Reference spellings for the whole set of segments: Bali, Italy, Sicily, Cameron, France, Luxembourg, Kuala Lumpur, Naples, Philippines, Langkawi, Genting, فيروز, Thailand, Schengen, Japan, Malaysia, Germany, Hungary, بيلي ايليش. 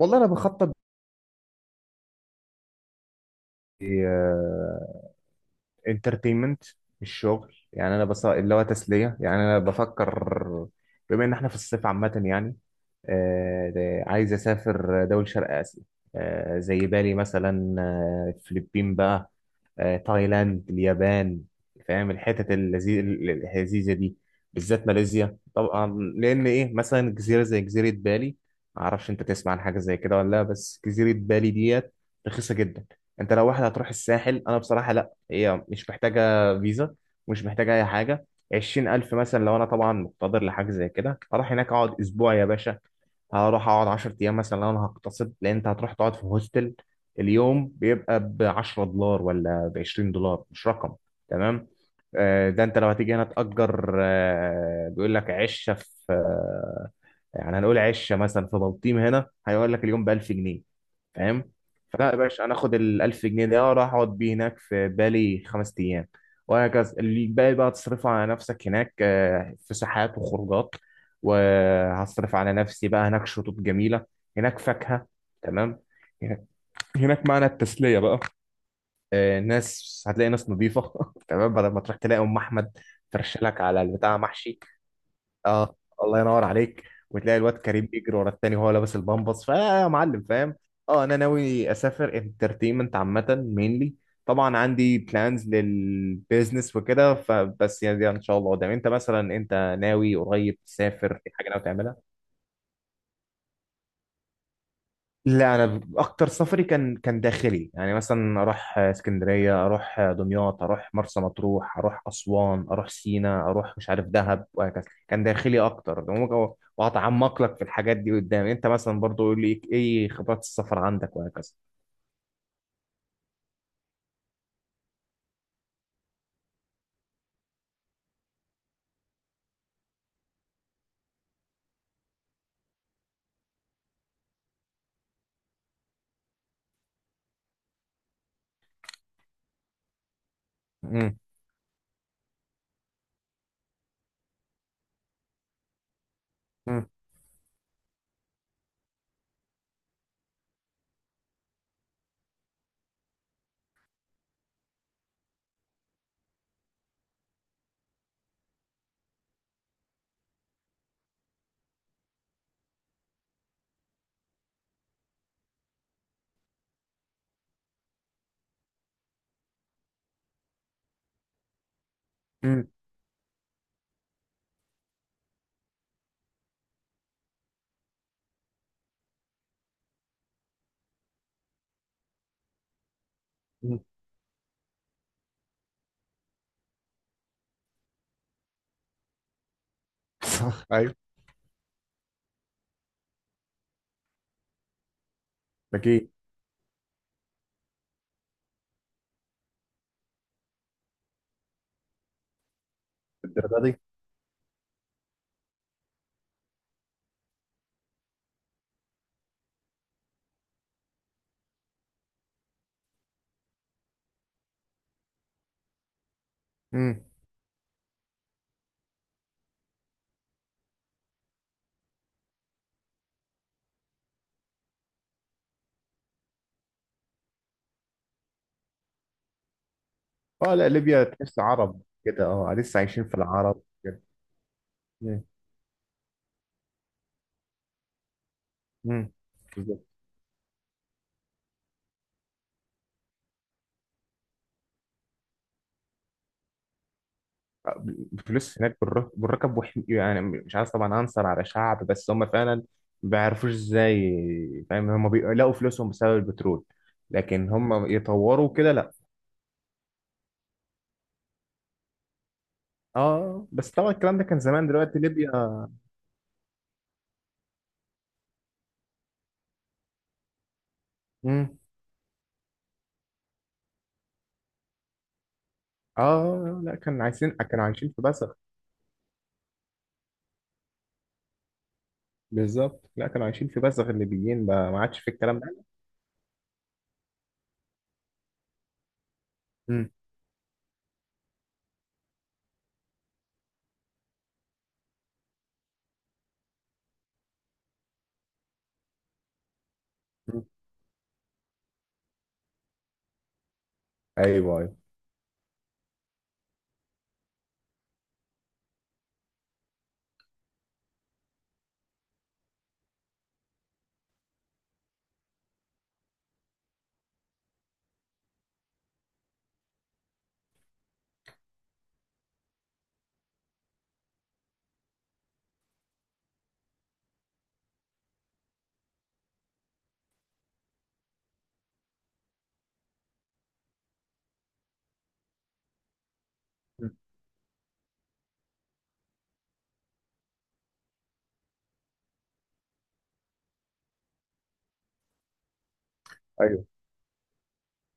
والله انا بخطط انترتينمنت. الشغل يعني انا بس اللي هو تسليه، يعني انا بفكر، بما ان احنا في الصيف عامه يعني. عايز اسافر دول شرق اسيا. زي بالي مثلا، الفلبين بقى. تايلاند، اليابان. فاهم الحتت اللذيذة دي، بالذات ماليزيا طبعا. لأن إيه، مثلا جزيرة زي جزيرة بالي، معرفش أنت تسمع عن حاجة زي كده ولا لا، بس جزيرة بالي ديت رخيصة جدا. أنت لو واحد هتروح الساحل، أنا بصراحة لأ، هي مش محتاجة فيزا، ومش محتاجة أي حاجة. 20,000 مثلا لو أنا طبعا مقتدر لحاجة زي كده، هروح هناك أقعد أسبوع يا باشا. هروح أقعد 10 أيام مثلا لو أنا هقتصد، لأن أنت هتروح تقعد في هوستل، اليوم بيبقى ب $10 ولا ب $20، مش رقم. تمام. ده انت لو هتيجي هنا تأجر، بيقول لك عشة في، يعني هنقول عشة مثلا في بلطيم هنا، هيقول لك اليوم ب 1000 جنيه، فاهم؟ فلا يا باشا، انا اخد ال 1000 جنيه ده اروح اقعد بيه هناك في بالي 5 ايام وهكذا. اللي باقي بقى تصرفه على نفسك هناك، في ساحات وخروجات، وهصرف على نفسي بقى هناك. شطوط جميلة، هناك فاكهة، تمام. هناك معنى التسلية بقى. ناس، هتلاقي ناس نظيفة. تمام. بدل ما تروح تلاقي أم أحمد ترش لك على البتاع محشي. اه. الله ينور عليك. وتلاقي الواد كريم بيجري ورا التاني وهو لابس البامبس، فيا معلم فاهم. اه. أنا ناوي أسافر انترتينمنت عامة مينلي. طبعا عندي بلانز للبيزنس وكده، فبس يعني ده إن شاء الله قدام. أنت مثلا، أنت ناوي قريب تسافر في حاجة ناوي تعملها؟ لا، انا اكتر سفري كان داخلي، يعني مثلا اروح اسكندريه، اروح دمياط، اروح مرسى مطروح، اروح اسوان، اروح سينا، اروح مش عارف دهب وهكذا. كان داخلي اكتر. وهتعمق لك في الحاجات دي قدام، انت مثلا برضو يقول لي ايه خبرات السفر عندك وهكذا. امم. امم. امم. أمم. صح، ايوه. اكيد. الدرجه دي؟ امم. اه لا، ليبيا تحس عرب كده، اه لسه عايشين في العرب كده. امم. أمم. بفلوس هناك، بالرقم، يعني مش عايز طبعا انصر على شعب، بس هم فعلا ما بيعرفوش ازاي، فاهم؟ هم بيلاقوا فلوسهم بسبب البترول، لكن هم يطوروا كده لا. اه بس طبعا الكلام ده كان زمان، دلوقتي ليبيا. مم. اه لا، كانوا عايشين في بزغ. بالظبط. لا، كانوا عايشين في بزغ، الليبيين ما عادش في الكلام ده. مم. مم. ايوه، ايوه. مم.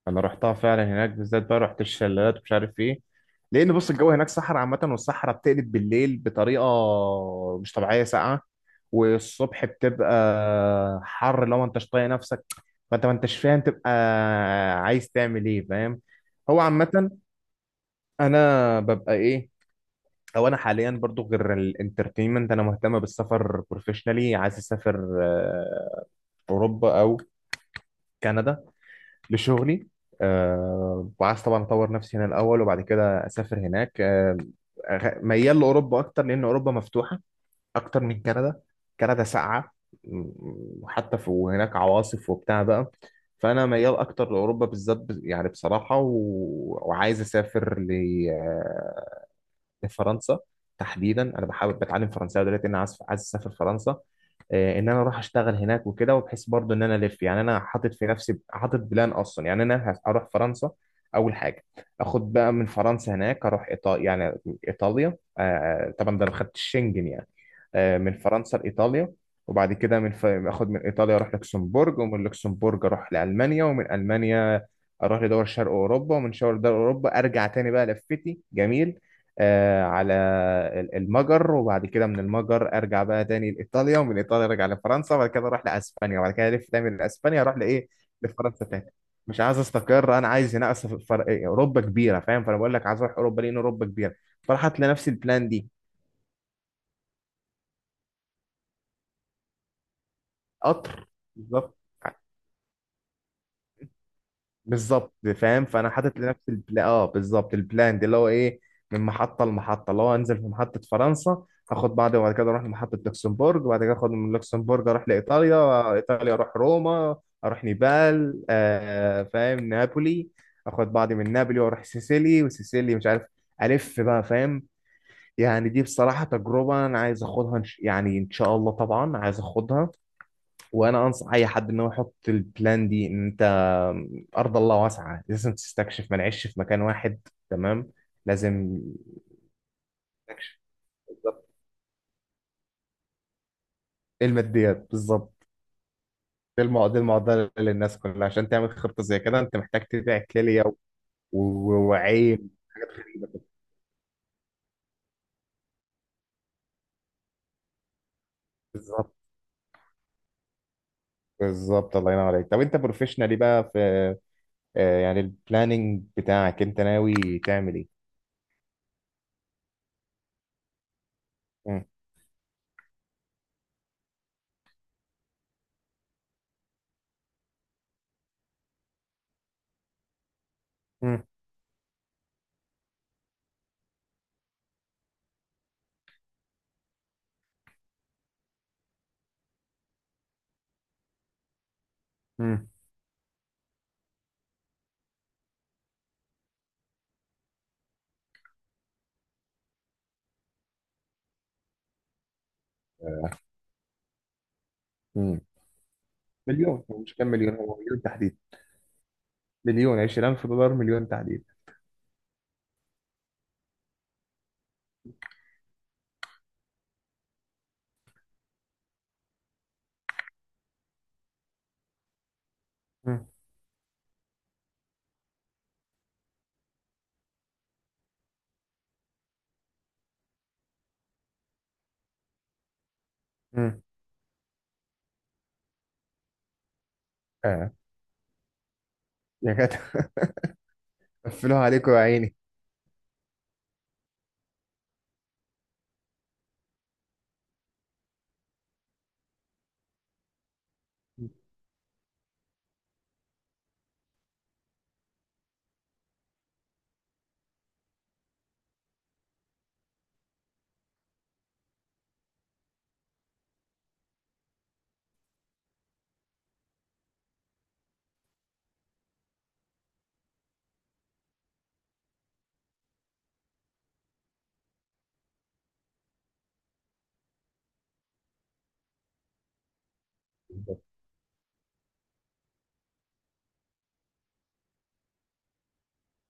انا رحتها فعلا، هناك بالذات بقى رحت الشلالات ومش عارف ايه. لان بص، الجو هناك صحراء عامه، والصحراء بتقلب بالليل بطريقه مش طبيعيه ساقعه، والصبح بتبقى حر لو ما انتش طايق نفسك، فانت ما انتش فاهم تبقى عايز تعمل ايه، فاهم؟ هو عامه انا ببقى ايه. او انا حاليا برضو غير الانترتينمنت، انا مهتم بالسفر بروفيشنالي، عايز اسافر اوروبا او كندا لشغلي. وعايز طبعا اطور نفسي هنا الاول، وبعد كده اسافر هناك. ميال لاوروبا اكتر، لان اوروبا مفتوحه اكتر من كندا. كندا ساقعه، م- وحتى وهناك عواصف وبتاع بقى. فانا ميال اكتر لاوروبا بالذات، يعني بصراحه، وعايز اسافر فرنسا تحديدا. انا بحاول بتعلم فرنساوي دلوقتي، انا عايز اسافر فرنسا، ان انا اروح اشتغل هناك وكده، وبحيث برضو ان انا الف، يعني انا حاطط في نفسي حاطط بلان اصلا، يعني انا هروح فرنسا اول حاجه. اخد بقى من فرنسا هناك اروح ايطاليا، يعني ايطاليا، طبعا ده ما خدتش شنجن يعني، من فرنسا لايطاليا. وبعد كده من اخد من ايطاليا اروح لوكسمبورج، ومن لوكسمبورج اروح لالمانيا، ومن المانيا اروح لدول شرق اوروبا، ومن شرق دول اوروبا ارجع تاني بقى لفتي جميل، على المجر، وبعد كده من المجر ارجع بقى تاني لايطاليا، ومن ايطاليا ارجع لفرنسا، وبعد كده اروح لاسبانيا، وبعد كده الف تاني لاسبانيا اروح لايه، لفرنسا تاني. مش عايز استقر، انا عايز هنا أصل إيه، اوروبا كبيره فاهم، فانا بقول لك عايز اروح اوروبا لان اوروبا كبيره، فراح هات لنفسي البلان دي. قطر. بالظبط. بالظبط فاهم، فانا حاطط لنفسي اه، بالظبط، البلان دي اللي هو ايه. من محطه لمحطه، اللي هو انزل في محطه فرنسا اخد بعضي، وبعد كده اروح لمحطه لوكسمبورغ، وبعد كده اخد من لوكسمبورغ اروح لايطاليا، ايطاليا اروح روما، اروح نيبال، آه فاهم، نابولي. اخد بعضي من نابولي واروح سيسيلي، وسيسيلي مش عارف، الف بقى فاهم. يعني دي بصراحه تجربه انا عايز اخدها، يعني ان شاء الله طبعا عايز اخدها. وانا انصح اي حد ان هو يحط البلان دي، ان انت ارض الله واسعه لازم تستكشف، ما نعيش في مكان واحد. تمام. لازم. تستكشف، بالظبط. ايه الماديات؟ بالظبط. دي المعضله للناس كلها، عشان تعمل خطه زي كده انت محتاج تبيع كليه وعين حاجات كده. بالظبط. بالظبط. الله ينور عليك. طب انت بروفيشنالي بقى في، يعني البلاننج بتاعك انت ناوي تعمل ايه؟ مم. مم. مم. مم. مليون؟ هو مش كام مليون، هو مليون تحديدا، مليون. $20,000، مليون تحديد. مم. مم. اه يا جدع. قفلوها عليكم يا عيني. بالظبط.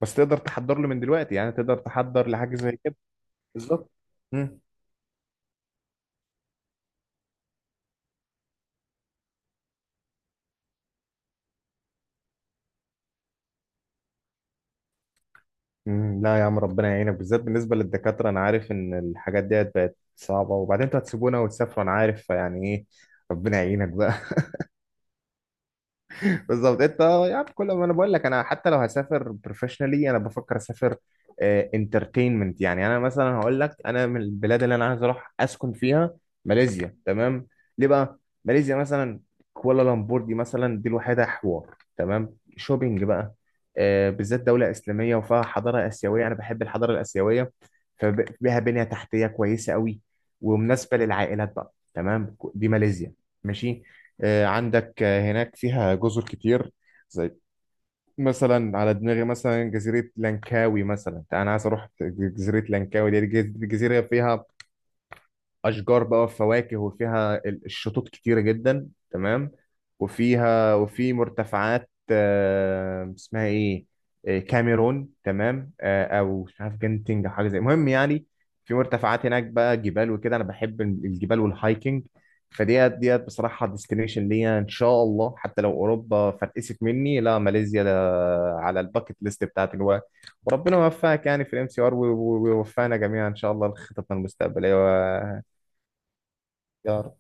بس تقدر تحضر له من دلوقتي يعني، تقدر تحضر لحاجه زي كده؟ بالظبط. مم. مم، لا يا عم، ربنا يعينك، بالذات بالنسبه للدكاتره انا عارف ان الحاجات ديت بقت صعبه، وبعدين انتوا هتسيبونا وتسافروا، انا عارف، فيعني ايه. ربنا يعينك بقى. بالظبط. انت يعني كل ما انا بقول لك انا حتى لو هسافر بروفيشنالي انا بفكر اسافر انترتينمنت، يعني انا مثلا هقول لك انا من البلاد اللي انا عايز اروح اسكن فيها، ماليزيا. تمام. ليه بقى ماليزيا مثلا؟ كوالالمبور دي مثلا، دي الوحيده، حوار، تمام، شوبينج بقى، بالذات دوله اسلاميه، وفيها حضاره اسيويه، انا بحب الحضاره الاسيويه، فبها بنيه تحتيه كويسه قوي، ومناسبه للعائلات بقى تمام، دي ماليزيا. ماشي. عندك، هناك فيها جزر كتير، زي مثلا على دماغي مثلا جزيرة لانكاوي، مثلا انا عايز اروح جزيرة لانكاوي دي، جزيرة فيها اشجار بقى وفواكه، وفيها الشطوط كتيره جدا تمام. وفي مرتفعات، اسمها ايه، كاميرون تمام، او مش عارف جنتنج أو حاجه زي، المهم يعني في مرتفعات هناك بقى جبال وكده، انا بحب الجبال والهايكنج. فديت بصراحه ديستنيشن ليا ان شاء الله، حتى لو اوروبا فرقست مني، لا ماليزيا ده على الباكت ليست بتاعتي جوا. وربنا يوفقك يعني في MRCS، ويوفقنا جميعا ان شاء الله لخططنا المستقبليه. يا رب.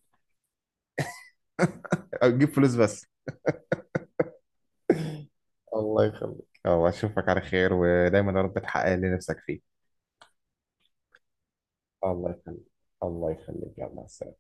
جيب فلوس بس. الله يخليك. الله، اشوفك على خير، ودايما يا رب تحقق اللي نفسك فيه. الله يخليك، الله يخليك، يلا سلام.